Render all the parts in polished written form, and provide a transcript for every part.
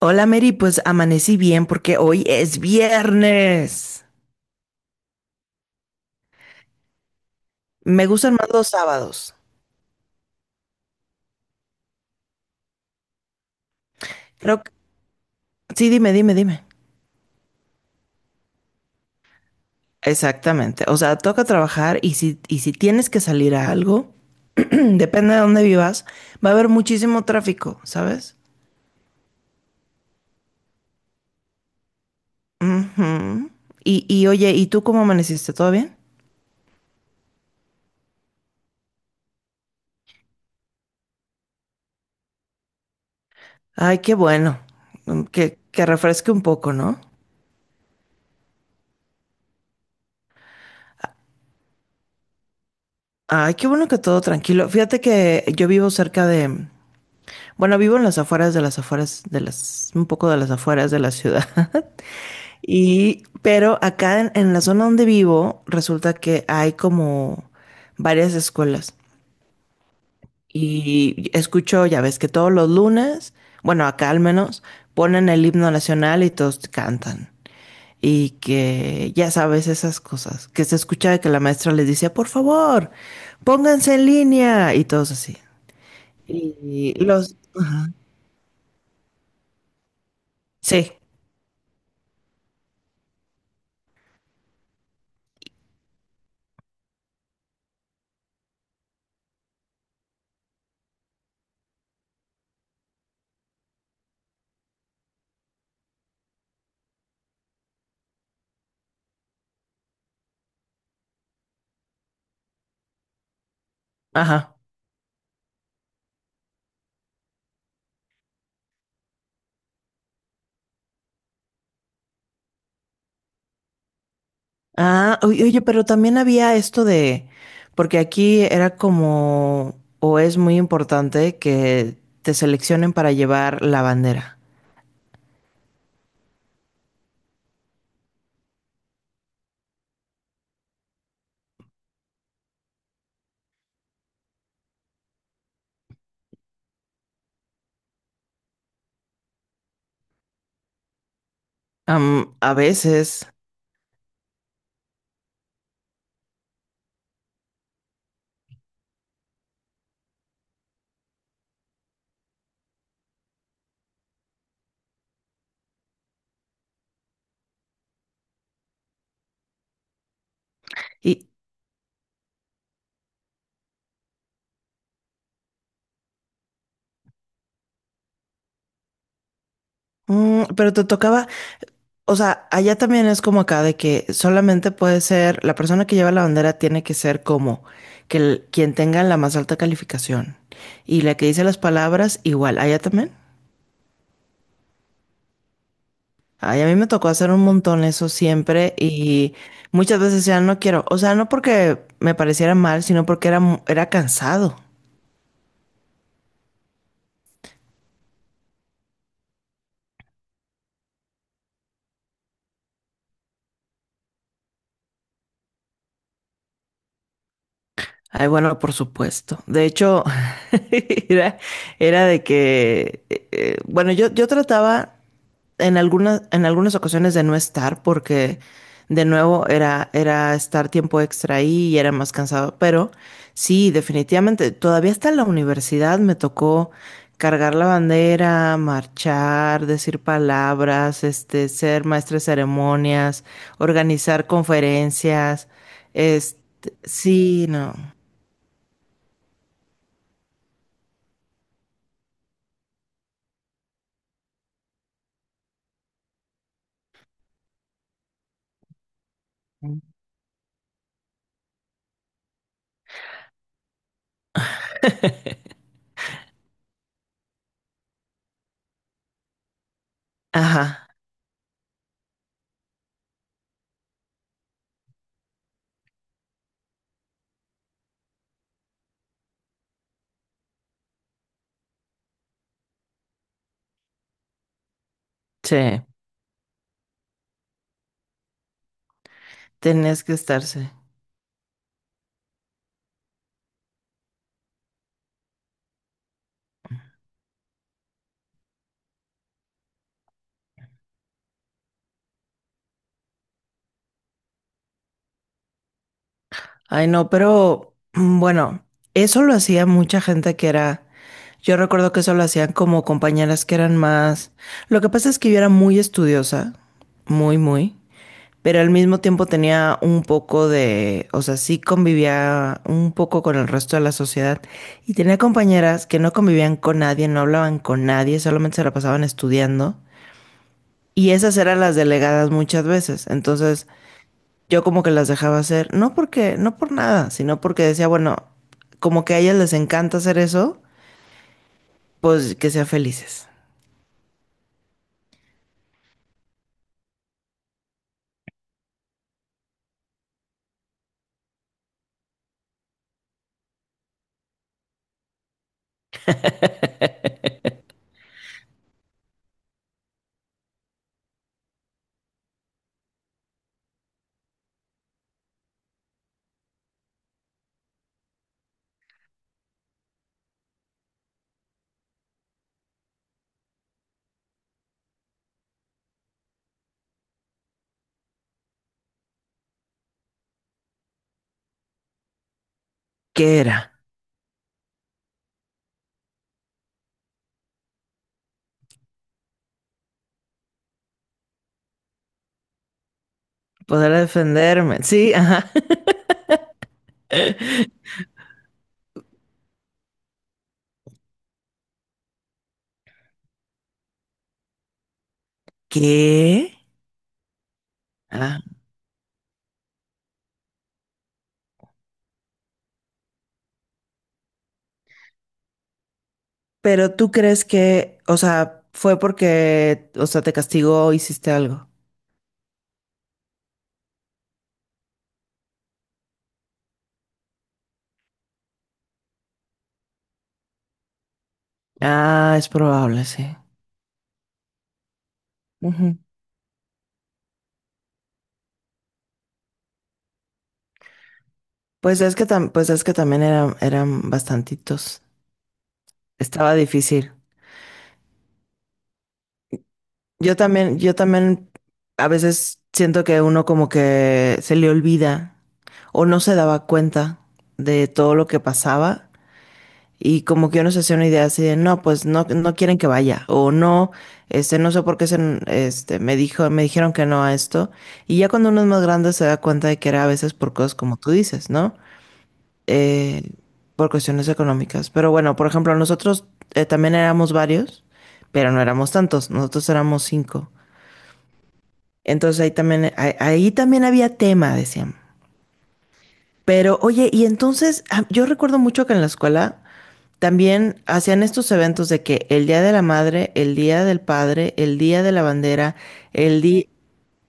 Hola Mary, pues amanecí bien porque hoy es viernes. Me gustan más los sábados. Creo que. Sí, dime, dime, dime. Exactamente. O sea, toca trabajar y si tienes que salir a algo, depende de dónde vivas, va a haber muchísimo tráfico, ¿sabes? Ujú. Y oye, ¿y tú cómo amaneciste? ¿Todo bien? Ay, qué bueno. Que refresque un poco, ¿no? Ay, qué bueno que todo tranquilo. Fíjate que yo vivo cerca de. Bueno, vivo en las afueras de las afueras de las, un poco de las afueras de la ciudad. Y, pero acá en la zona donde vivo, resulta que hay como varias escuelas. Y escucho, ya ves que todos los lunes, bueno, acá al menos, ponen el himno nacional y todos cantan. Y que ya sabes esas cosas, que se escucha de que la maestra les dice, por favor, pónganse en línea y todos así. Y los, sí, ajá. Ah, oye, oye, pero también había esto de, porque aquí era como, o es muy importante que te seleccionen para llevar la bandera. A veces. Y, pero te tocaba, o sea, allá también es como acá de que solamente puede ser, la persona que lleva la bandera tiene que ser como que quien tenga la más alta calificación. Y la que dice las palabras, igual, allá también. Ay, a mí me tocó hacer un montón eso siempre y muchas veces ya no quiero, o sea, no porque me pareciera mal, sino porque era, mu- era cansado. Ay, bueno, por supuesto. De hecho, era, era de que, bueno, yo trataba en algunas ocasiones de no estar, porque de nuevo era estar tiempo extra ahí y era más cansado. Pero sí, definitivamente, todavía hasta en la universidad me tocó cargar la bandera, marchar, decir palabras, este, ser maestra de ceremonias, organizar conferencias. Este, sí, no. Ajá, sí, tenías que estarse. Ay, no, pero bueno, eso lo hacía mucha gente que era, yo recuerdo que eso lo hacían como compañeras que eran más, lo que pasa es que yo era muy estudiosa, muy, muy, pero al mismo tiempo tenía un poco de, o sea, sí convivía un poco con el resto de la sociedad y tenía compañeras que no convivían con nadie, no hablaban con yo como que las dejaba hacer, no porque, no por nada, sino porque decía, bueno, como que a ellas les encanta hacer eso, pues que sean felices. ¿Qué era? Poder defenderme. Sí, ajá. ¿Qué? Ah. Pero tú crees que, o sea, fue porque, o sea, te castigó o hiciste algo. Ah, es probable, sí. Ujú. Pues es que también eran, eran bastantitos. Estaba difícil. Yo también a veces siento que uno como que se le olvida o no se daba cuenta de todo lo que pasaba y como que uno se hacía una idea así de no, pues no quieren que vaya o no, este, no sé por qué se, este, me dijo, me dijeron que no a esto y ya cuando uno es más grande se da cuenta de que era a veces por cosas como tú dices, ¿no? Eh, por cuestiones económicas. Pero bueno, por ejemplo, nosotros también éramos varios, pero no éramos tantos, nosotros éramos cinco. Entonces ahí también, ahí también había tema, decían. Pero oye, y entonces yo recuerdo mucho que en la escuela también hacían estos eventos de que el Día de la Madre, el Día del Padre, el Día de la Bandera, el día,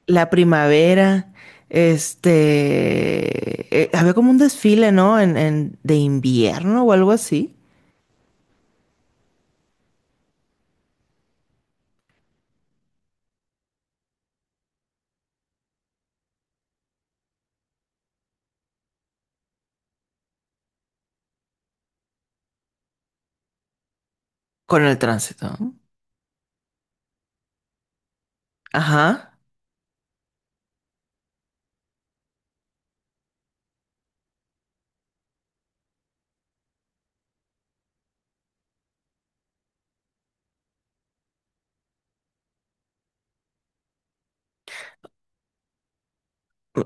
la primavera, este, había como un desfile, ¿no? De invierno o algo así, con el tránsito, ¿no? Ajá.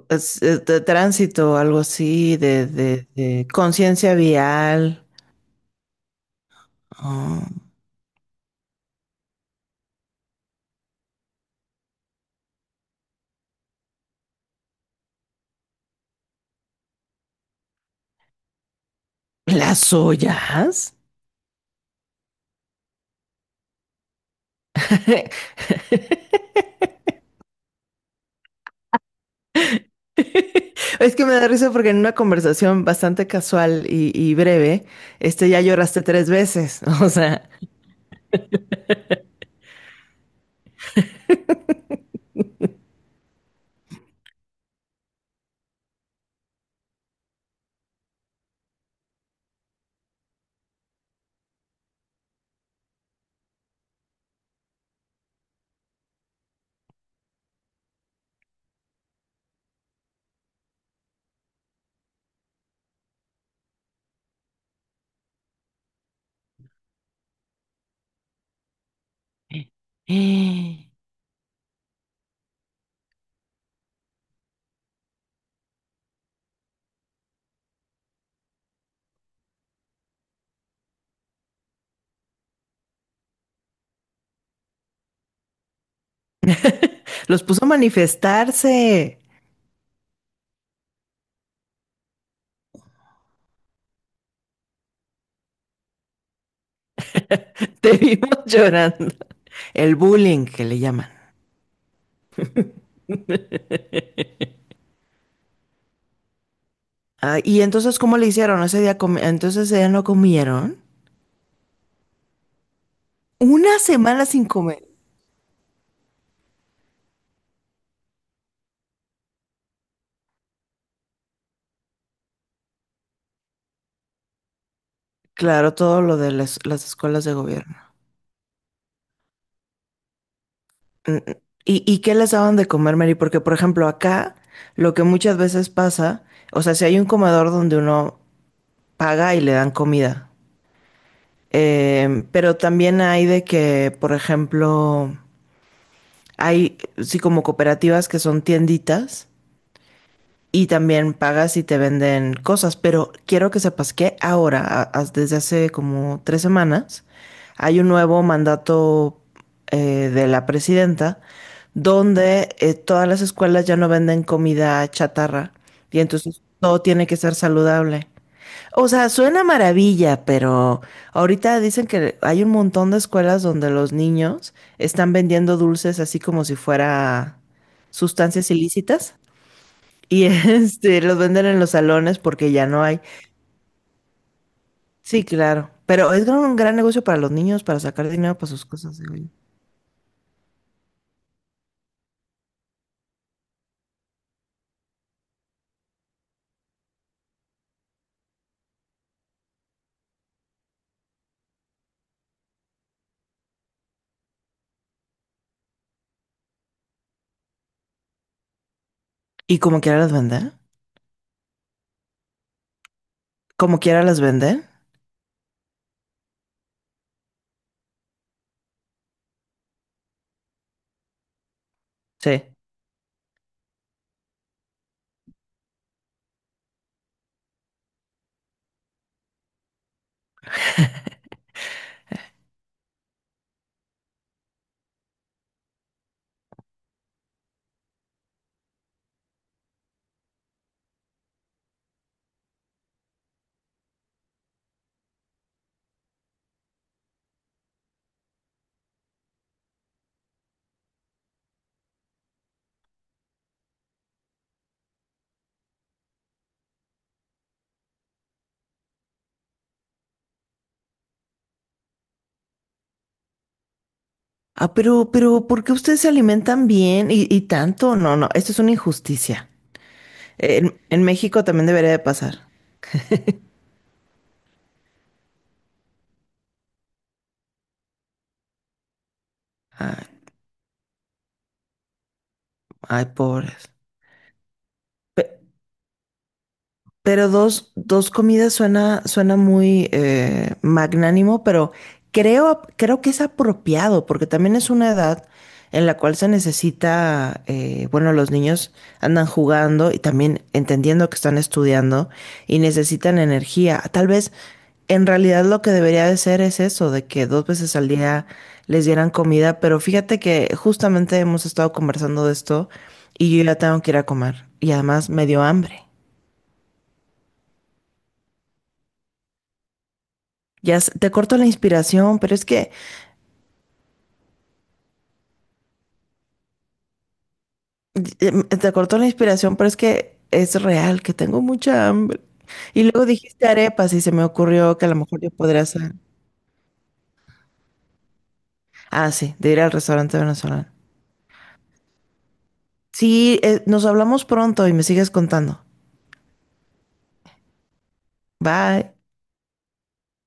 Es de tránsito, algo así, de, conciencia vial. Ah. ¿Las ollas? Es que me da risa porque en una conversación bastante casual y breve, este ya lloraste tres veces. O sea, los puso a manifestarse. Te vimos llorando. El bullying que le llaman. Ah, y entonces, ¿cómo le hicieron? Ese día entonces ella no comieron. Una semana sin comer. Claro, todo lo de las escuelas de gobierno. Mm, mm. ¿Y qué les daban de comer, Mary? Porque, por ejemplo, acá lo que muchas veces pasa, o sea, si hay un comedor donde uno paga y le dan comida, pero también hay de que, por ejemplo, hay, sí, como cooperativas que son tienditas y también pagas y te venden cosas, pero quiero que sepas que ahora, desde hace como 3 semanas, hay un nuevo mandato de la presidenta donde todas las escuelas ya no venden comida chatarra y entonces todo tiene que ser saludable. O sea, suena maravilla, pero ahorita dicen que hay un montón de escuelas donde los niños están vendiendo dulces así como si fuera sustancias ilícitas. Y este, los venden en los salones porque ya no hay. Sí, claro. Pero un gran negocio para los niños, para sacar dinero para sus cosas, digo yo. Y como quiera las venden. Como quiera las venden. Sí. Ah, pero, ¿por qué ustedes se alimentan bien y tanto? No, no, esto es una injusticia. En México también debería de pasar. Ay, ay, pobres. Pe- Pero dos comidas suena, suena muy magnánimo, pero creo, que es apropiado, porque también es una edad en la cual se necesita, bueno, los niños andan jugando y también entendiendo que están estudiando y necesitan energía. Tal vez en realidad lo que debería de ser es eso, de que dos veces al día les dieran comida, pero fíjate que justamente hemos estado conversando de esto y yo ya tengo que ir a comer y además me dio hambre. Ya sé, te corto la inspiración, pero es que te cortó la inspiración, pero es que es real, que tengo mucha hambre. Y luego dijiste arepas y se me ocurrió que a lo mejor yo podría hacer. Ah, sí, de ir al restaurante venezolano. Sí, nos hablamos pronto y me sigues contando. Bye.